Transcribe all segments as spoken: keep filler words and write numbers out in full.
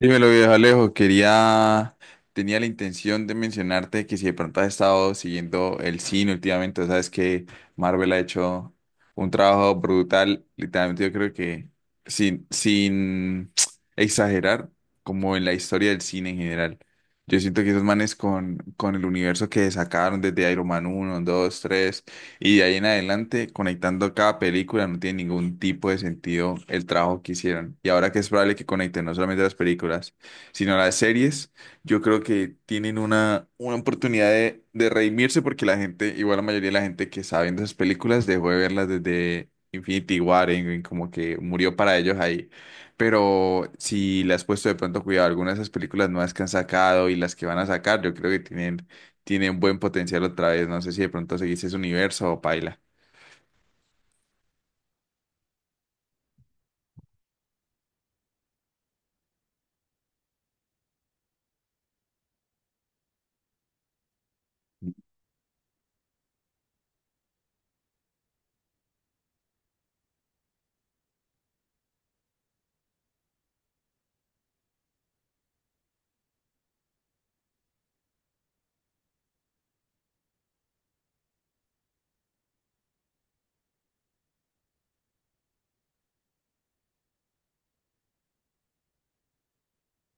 Dímelo, viejo Alejo, quería, tenía la intención de mencionarte que si de pronto has estado siguiendo el cine últimamente, sabes que Marvel ha hecho un trabajo brutal. Literalmente yo creo que sin, sin exagerar, como en la historia del cine en general. Yo siento que esos manes con, con el universo que sacaron desde Iron Man uno, dos, tres. Y de ahí en adelante, conectando cada película, no tiene ningún tipo de sentido el trabajo que hicieron. Y ahora que es probable que conecten no solamente las películas, sino las series, yo creo que tienen una, una oportunidad de, de redimirse, porque la gente, igual la mayoría de la gente que está viendo esas películas, dejó de verlas desde Infinity War, en- en como que murió para ellos ahí. Pero si le has puesto de pronto cuidado a algunas de esas películas nuevas que han sacado y las que van a sacar, yo creo que tienen tiene un buen potencial otra vez. No sé si de pronto seguís ese universo o paila.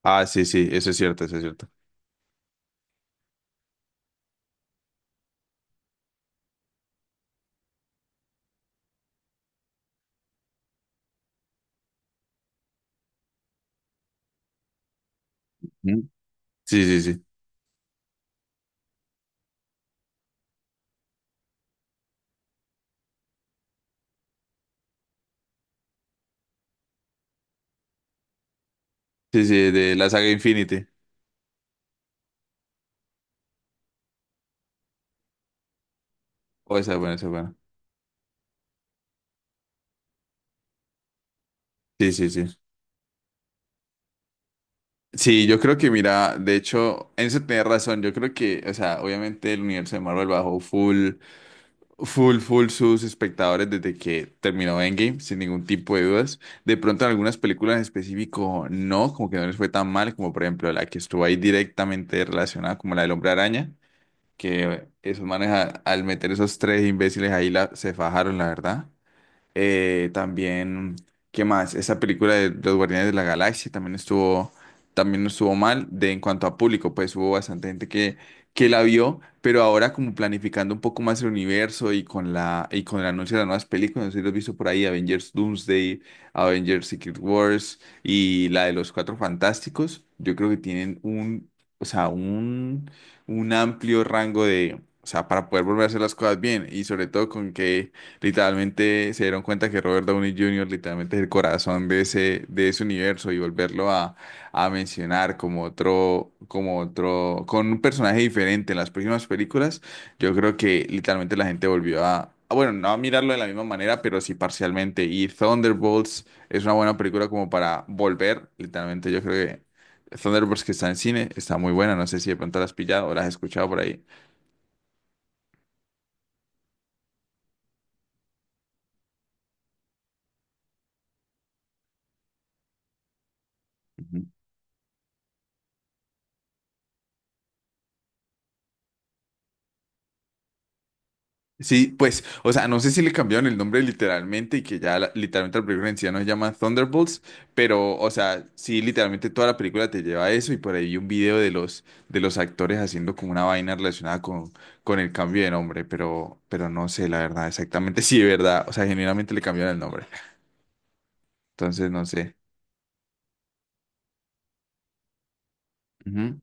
Ah, sí, sí, eso es cierto, eso es cierto. ¿Mm? Sí, sí, sí. Sí, sí, de la saga Infinity. O esa es buena, esa es buena. Sí, sí, sí. Sí, yo creo que, mira, de hecho, en eso tenés razón. Yo creo que, o sea, obviamente el universo de Marvel bajó full, full, full sus espectadores desde que terminó Endgame, sin ningún tipo de dudas. De pronto en algunas películas en específico, no, como que no les fue tan mal, como por ejemplo la que estuvo ahí directamente relacionada, como la del Hombre Araña. Que esos manes a- al meter esos tres imbéciles ahí la, se fajaron, la verdad. Eh, también, ¿qué más? Esa película de Los Guardianes de la Galaxia también estuvo, también no estuvo mal de en cuanto a público, pues hubo bastante gente que, que la vio. Pero ahora como planificando un poco más el universo y con la, y con el anuncio de las nuevas películas, no sé si lo has visto por ahí, Avengers Doomsday, Avengers Secret Wars y la de los Cuatro Fantásticos, yo creo que tienen un, o sea, un, un amplio rango de, o sea, para poder volver a hacer las cosas bien, y sobre todo con que literalmente se dieron cuenta que Robert Downey junior literalmente es el corazón de ese, de ese universo, y volverlo a, a mencionar como otro, como otro, con un personaje diferente en las próximas películas. Yo creo que literalmente la gente volvió a, a, bueno, no a mirarlo de la misma manera, pero sí parcialmente. Y Thunderbolts es una buena película como para volver. Literalmente yo creo que Thunderbolts, que está en cine, está muy buena, no sé si de pronto la has pillado o la has escuchado por ahí. Sí, pues, o sea, no sé si le cambiaron el nombre literalmente y que ya la- literalmente la película en sí ya no se llama Thunderbolts, pero, o sea, sí, literalmente toda la película te lleva a eso y por ahí vi un video de los, de los actores haciendo como una vaina relacionada con, con el cambio de nombre, pero, pero no sé, la verdad, exactamente, sí, de verdad, o sea, genuinamente le cambiaron el nombre, entonces no sé. Ujú.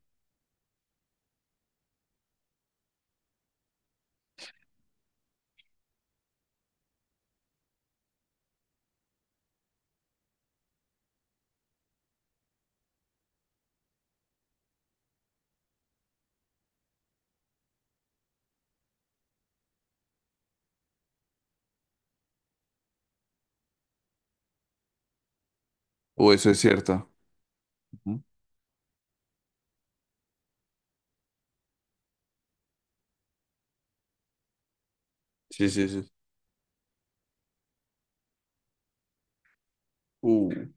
O eso es cierto. Ujú. Sí, sí, sí. Uh.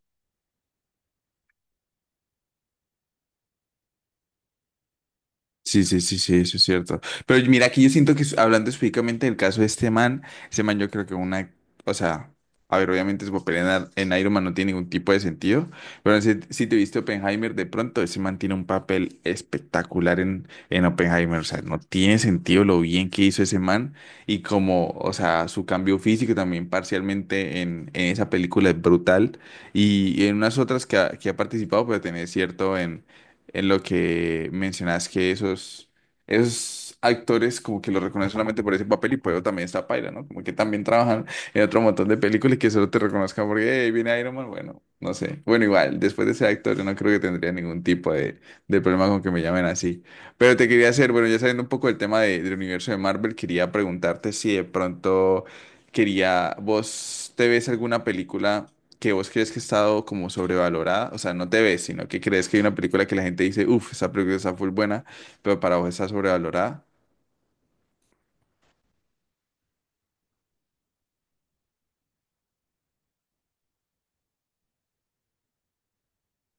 Sí, sí, sí, sí, eso es cierto. Pero mira, aquí yo siento que s- hablando específicamente del caso de este man, este man yo creo que una, o sea, a ver, obviamente su papel en, Ar- en Iron Man no tiene ningún tipo de sentido, pero si, si te viste Oppenheimer, de pronto ese man tiene un papel espectacular en, en Oppenheimer, o sea, no tiene sentido lo bien que hizo ese man y como, o sea, su cambio físico también parcialmente en, en esa película es brutal y, en unas otras que ha, que ha participado, pero tiene cierto en en lo que mencionas que esos, esos actores como que los reconocen solamente por ese papel y por eso también está paila, ¿no? Como que también trabajan en otro montón de películas y que solo te reconozcan porque "Hey, viene Iron Man", bueno, no sé. Bueno, igual, después de ser actor yo no creo que tendría ningún tipo de, de problema con que me llamen así. Pero te quería hacer, bueno, ya sabiendo un poco del tema de- del universo de Marvel, quería preguntarte si de pronto quería, vos te ves alguna película que vos crees que ha estado como sobrevalorada, o sea, no te ves, sino que crees que hay una película que la gente dice, uff, esa película está full buena, pero para vos está sobrevalorada.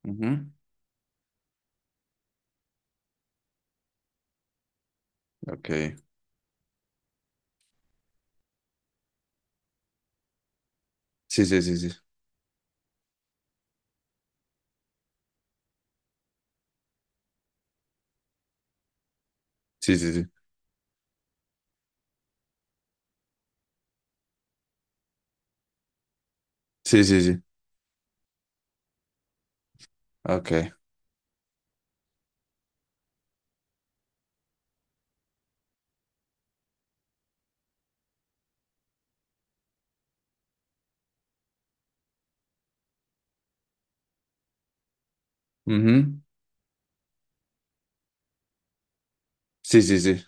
Ujú. Ok. Sí, sí, sí, sí. Sí, sí, sí. Sí, sí, sí. Ok. Ujú. Sí, sí, sí.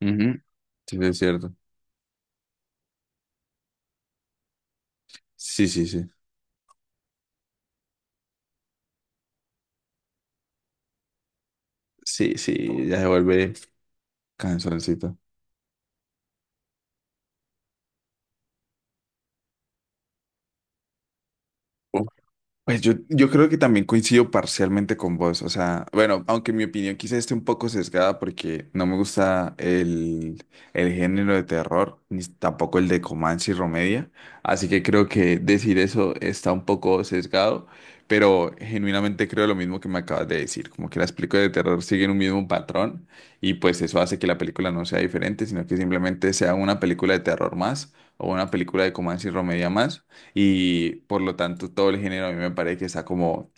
Ujú. Sí, sí, es cierto. Sí, sí, sí. Sí, sí, ya se vuelve cansoncito. Pues yo, yo creo que también coincido parcialmente con vos, o sea, bueno, aunque mi opinión quizás esté un poco sesgada porque no me gusta el, el género de terror, ni tampoco el de Comanche y Romedia, así que creo que decir eso está un poco sesgado, pero genuinamente creo lo mismo que me acabas de decir, como que las películas de terror siguen un mismo patrón y pues eso hace que la película no sea diferente, sino que simplemente sea una película de terror más o una película de Comanche y Romedia más, y por lo tanto todo el género a mí me parece que está como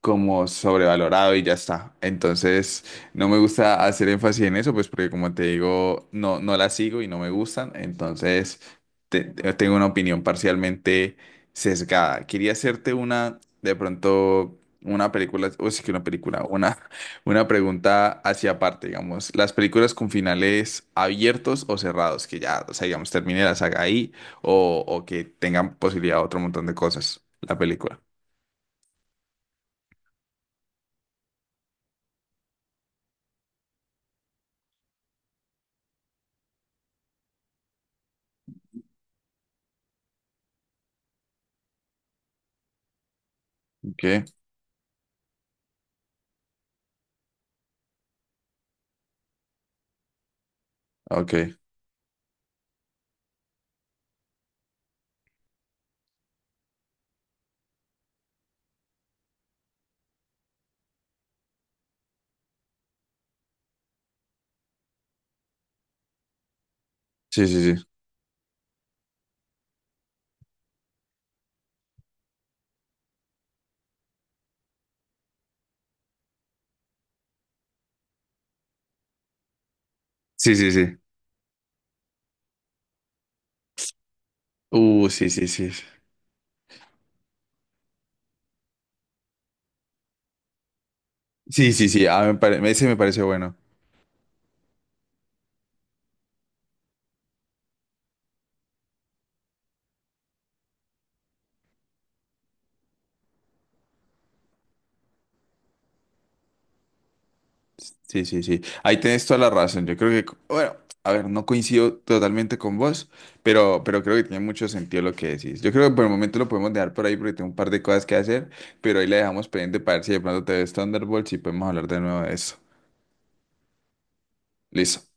como sobrevalorado y ya está. Entonces, no me gusta hacer énfasis en eso, pues porque como te digo, no, no las sigo y no me gustan. Entonces, te- te- tengo una opinión parcialmente sesgada. Quería hacerte una, de pronto, una película, o sí que una película, una, una pregunta hacia aparte, digamos. Las películas con finales abiertos o cerrados, que ya, o sea, digamos, termine la saga ahí o, o que tengan posibilidad de otro montón de cosas, la película. Qué ok. Sí, sí, sí. Sí, sí, sí. Uh, sí, sí, sí. Sí, sí, sí. Ah, me pare- ese me pareció bueno. Sí, sí, sí. Ahí tenés toda la razón. Yo creo que, co- bueno, a ver, no coincido totalmente con vos, pero, pero creo que tiene mucho sentido lo que decís. Yo creo que por el momento lo podemos dejar por ahí porque tengo un par de cosas que hacer, pero ahí la dejamos pendiente para ver si de pronto te ves Thunderbolts y podemos hablar de nuevo de eso. Listo.